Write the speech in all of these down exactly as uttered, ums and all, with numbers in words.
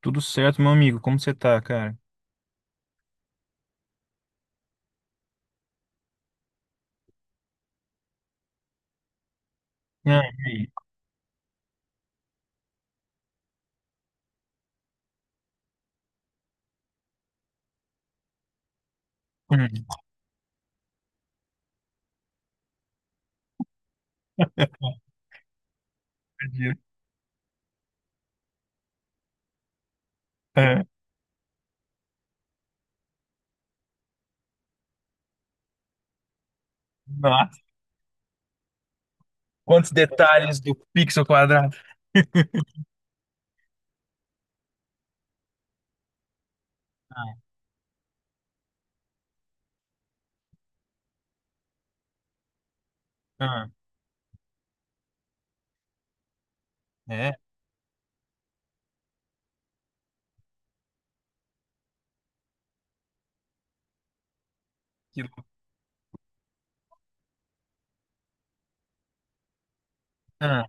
Tudo certo, meu amigo? Como você tá, cara? Ah, e aí? Hum, perdi. É, nossa, quantos detalhes do pixel quadrado? Ah, ah, é, que louco. Ah,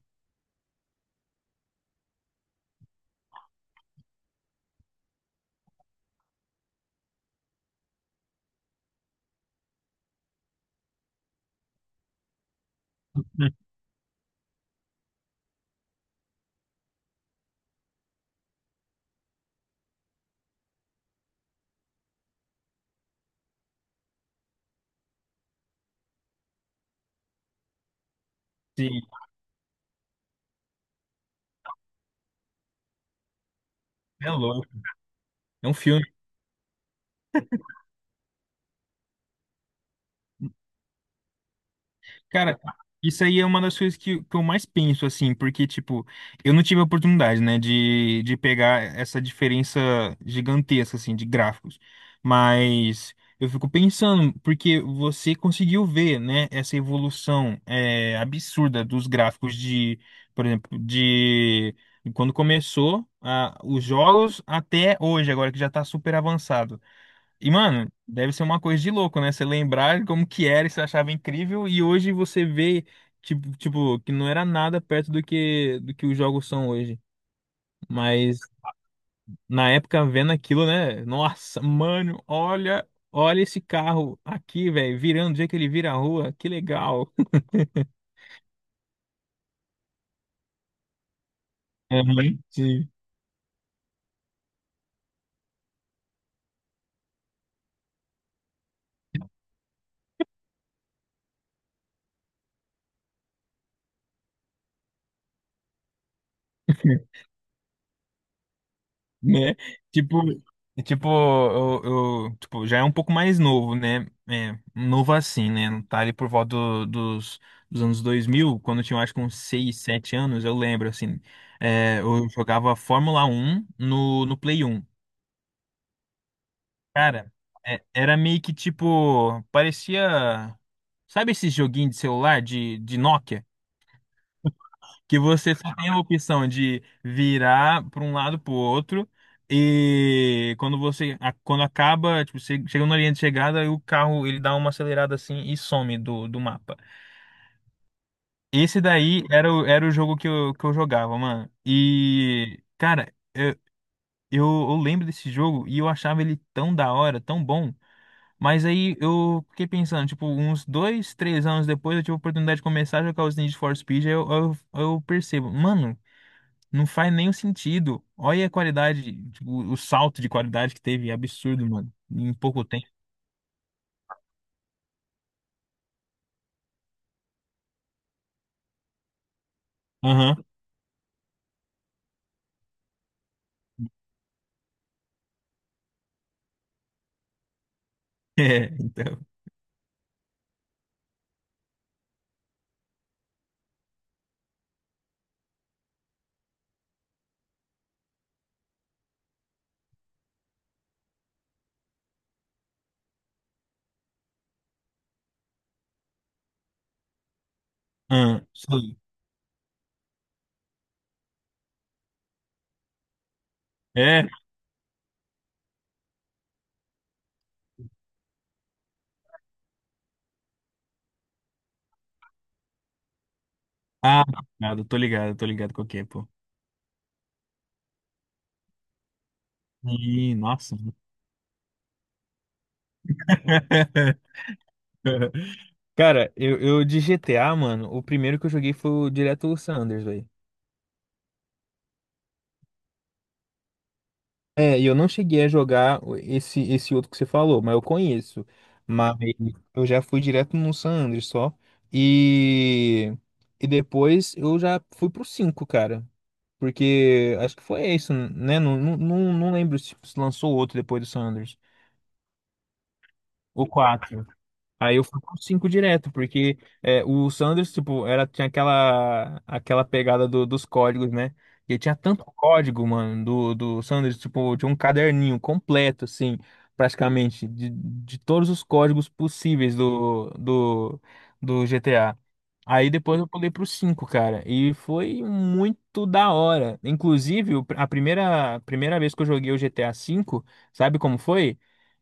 sim, é louco. É um filme. Cara, isso aí é uma das coisas que, que eu mais penso, assim, porque, tipo, eu não tive a oportunidade, né, de, de pegar essa diferença gigantesca, assim, de gráficos. Mas eu fico pensando, porque você conseguiu ver, né, essa evolução é, absurda dos gráficos de, por exemplo, de quando começou, ah, os jogos até hoje, agora que já tá super avançado. E, mano, deve ser uma coisa de louco, né? Você lembrar como que era e você achava incrível, e hoje você vê, tipo, tipo, que não era nada perto do que, do que os jogos são hoje. Mas na época, vendo aquilo, né? Nossa, mano, olha, olha esse carro aqui, velho, virando, do jeito que ele vira a rua, que legal. Uhum, sim. Né? Tipo, tipo, eu, eu, tipo, já é um pouco mais novo, né? É, novo assim, né? Tá ali por volta do- dos, dos anos dois mil quando eu tinha, acho que uns seis, sete anos, eu lembro, assim. É, eu jogava Fórmula Um no, no Play um. Cara, é- era meio que tipo, parecia... Sabe esse joguinho de celular de, de Nokia? Que você só tem a opção de virar para um lado para o outro e quando você a- quando acaba, tipo, você chega na linha de chegada e o carro ele dá uma acelerada assim e some do, do mapa. Esse daí era o, era o jogo que eu, que eu jogava, mano. E cara, eu, eu, eu lembro desse jogo e eu achava ele tão da hora, tão bom. Mas aí eu fiquei pensando, tipo, uns dois, três anos depois eu tive a oportunidade de começar a jogar os Need for Speed, aí eu, eu, eu percebo, mano, não faz nenhum sentido. Olha a qualidade, tipo, o salto de qualidade que teve, é absurdo, mano. Em pouco tempo. Aham. É, então. Aham, sim. É. Ah, nada, tô ligado, tô ligado qual que é, pô. Ih, nossa. Cara, eu, eu de G T A, mano, o primeiro que eu joguei foi o direto o San Andreas. É, e eu não cheguei a jogar o- esse, esse outro que você falou, mas eu conheço. Mas eu já fui direto no San Andreas só. E, e depois eu já fui pro cinco, cara. Porque acho que foi isso, né? Não, não, não não lembro se se lançou outro depois do San Andreas. O quatro. Aí eu fui com cinco direto, porque é, o Sanders, tipo, era, tinha aquela, aquela pegada do- dos códigos, né? E tinha tanto código, mano, do, do Sanders, tipo, tinha um caderninho completo, assim, praticamente, de, de todos os códigos possíveis do, do, do G T A. Aí depois eu pulei pro cinco, cara, e foi muito da hora. Inclusive, o pr- a primeira, a primeira vez que eu joguei o G T A cinco, sabe como foi?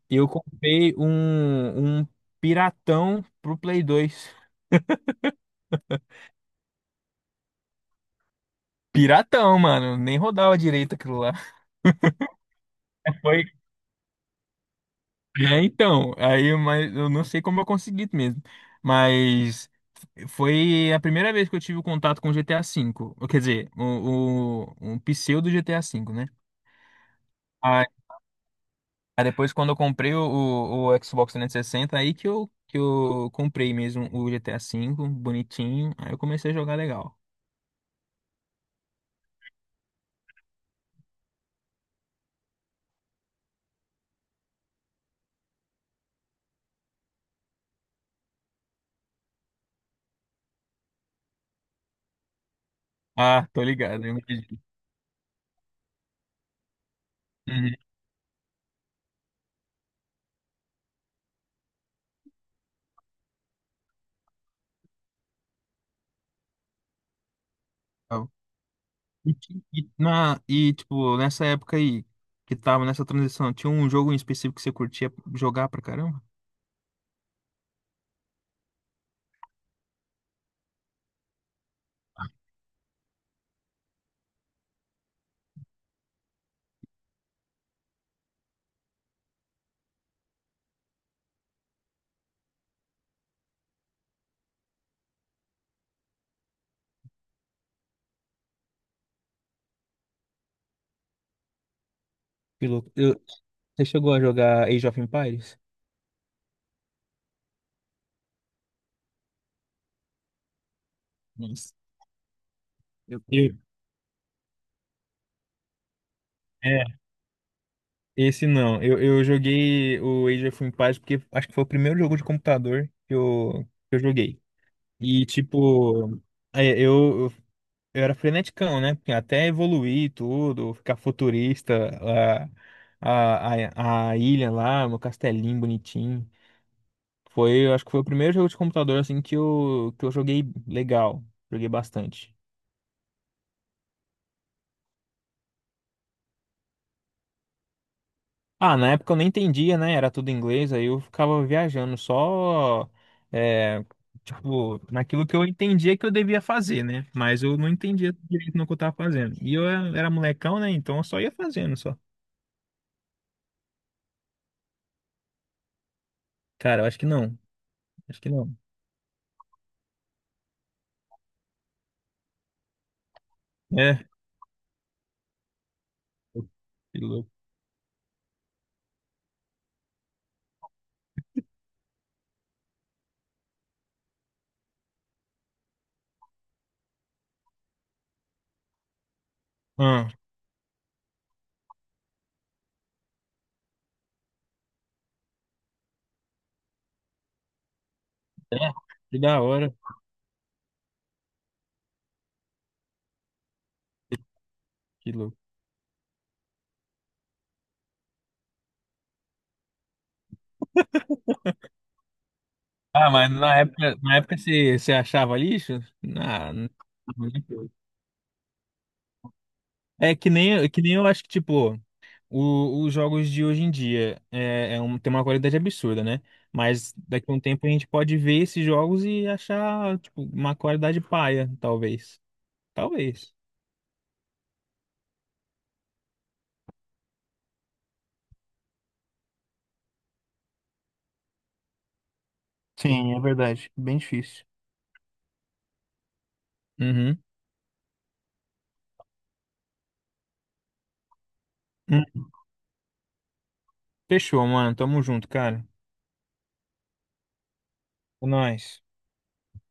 Eu comprei um, um piratão pro Play dois. Piratão, mano. Nem rodava direito aquilo lá. Foi. É, então. Aí, mas eu não sei como eu consegui mesmo. Mas foi a primeira vez que eu tive contato com G T A V. Ou, quer dizer, o, o, um pseudo G T A V, né? Aí, aí depois, quando eu comprei o, o, o Xbox trezentos e sessenta, aí que eu, que eu comprei mesmo o G T A V, bonitinho. Aí eu comecei a jogar legal. Ah, tô ligado. Eu entendi. Uhum. E, ti- e na, e, tipo, nessa época aí, que tava nessa transição, tinha um jogo em específico que você curtia jogar pra caramba? Que louco. Eu- você chegou a jogar Age of Empires? Nossa, eu... Eu- é, esse não. Eu, eu joguei o Age of Empires porque acho que foi o primeiro jogo de computador que eu, que eu joguei. E, tipo, é, eu, eu, eu era freneticão, né? Porque até evoluir tudo, ficar futurista, a, a, a, a ilha lá, meu castelinho bonitinho. Foi, eu acho que foi o primeiro jogo de computador assim que eu, que eu joguei legal, joguei bastante. Ah, na época eu nem entendia, né? Era tudo em inglês, aí eu ficava viajando só é, tipo, naquilo que eu entendia que eu devia fazer, né? Mas eu não entendia direito no que eu tava fazendo. E eu era, era molecão, né? Então eu só ia fazendo só. Cara, eu acho que não. Acho que não. É, que louco. Ah, é, que da hora, que louco. Ah, mas na época, na época você, você achava lixo? Ah, não. É que nem, que nem eu acho que, tipo, o- os jogos de hoje em dia é, é, um, tem uma qualidade absurda, né? Mas daqui a um tempo a gente pode ver esses jogos e achar, tipo, uma qualidade paia, talvez. Talvez. Sim, é verdade. Bem difícil. Uhum. Hum. Fechou, mano. Tamo junto, cara. É nóis.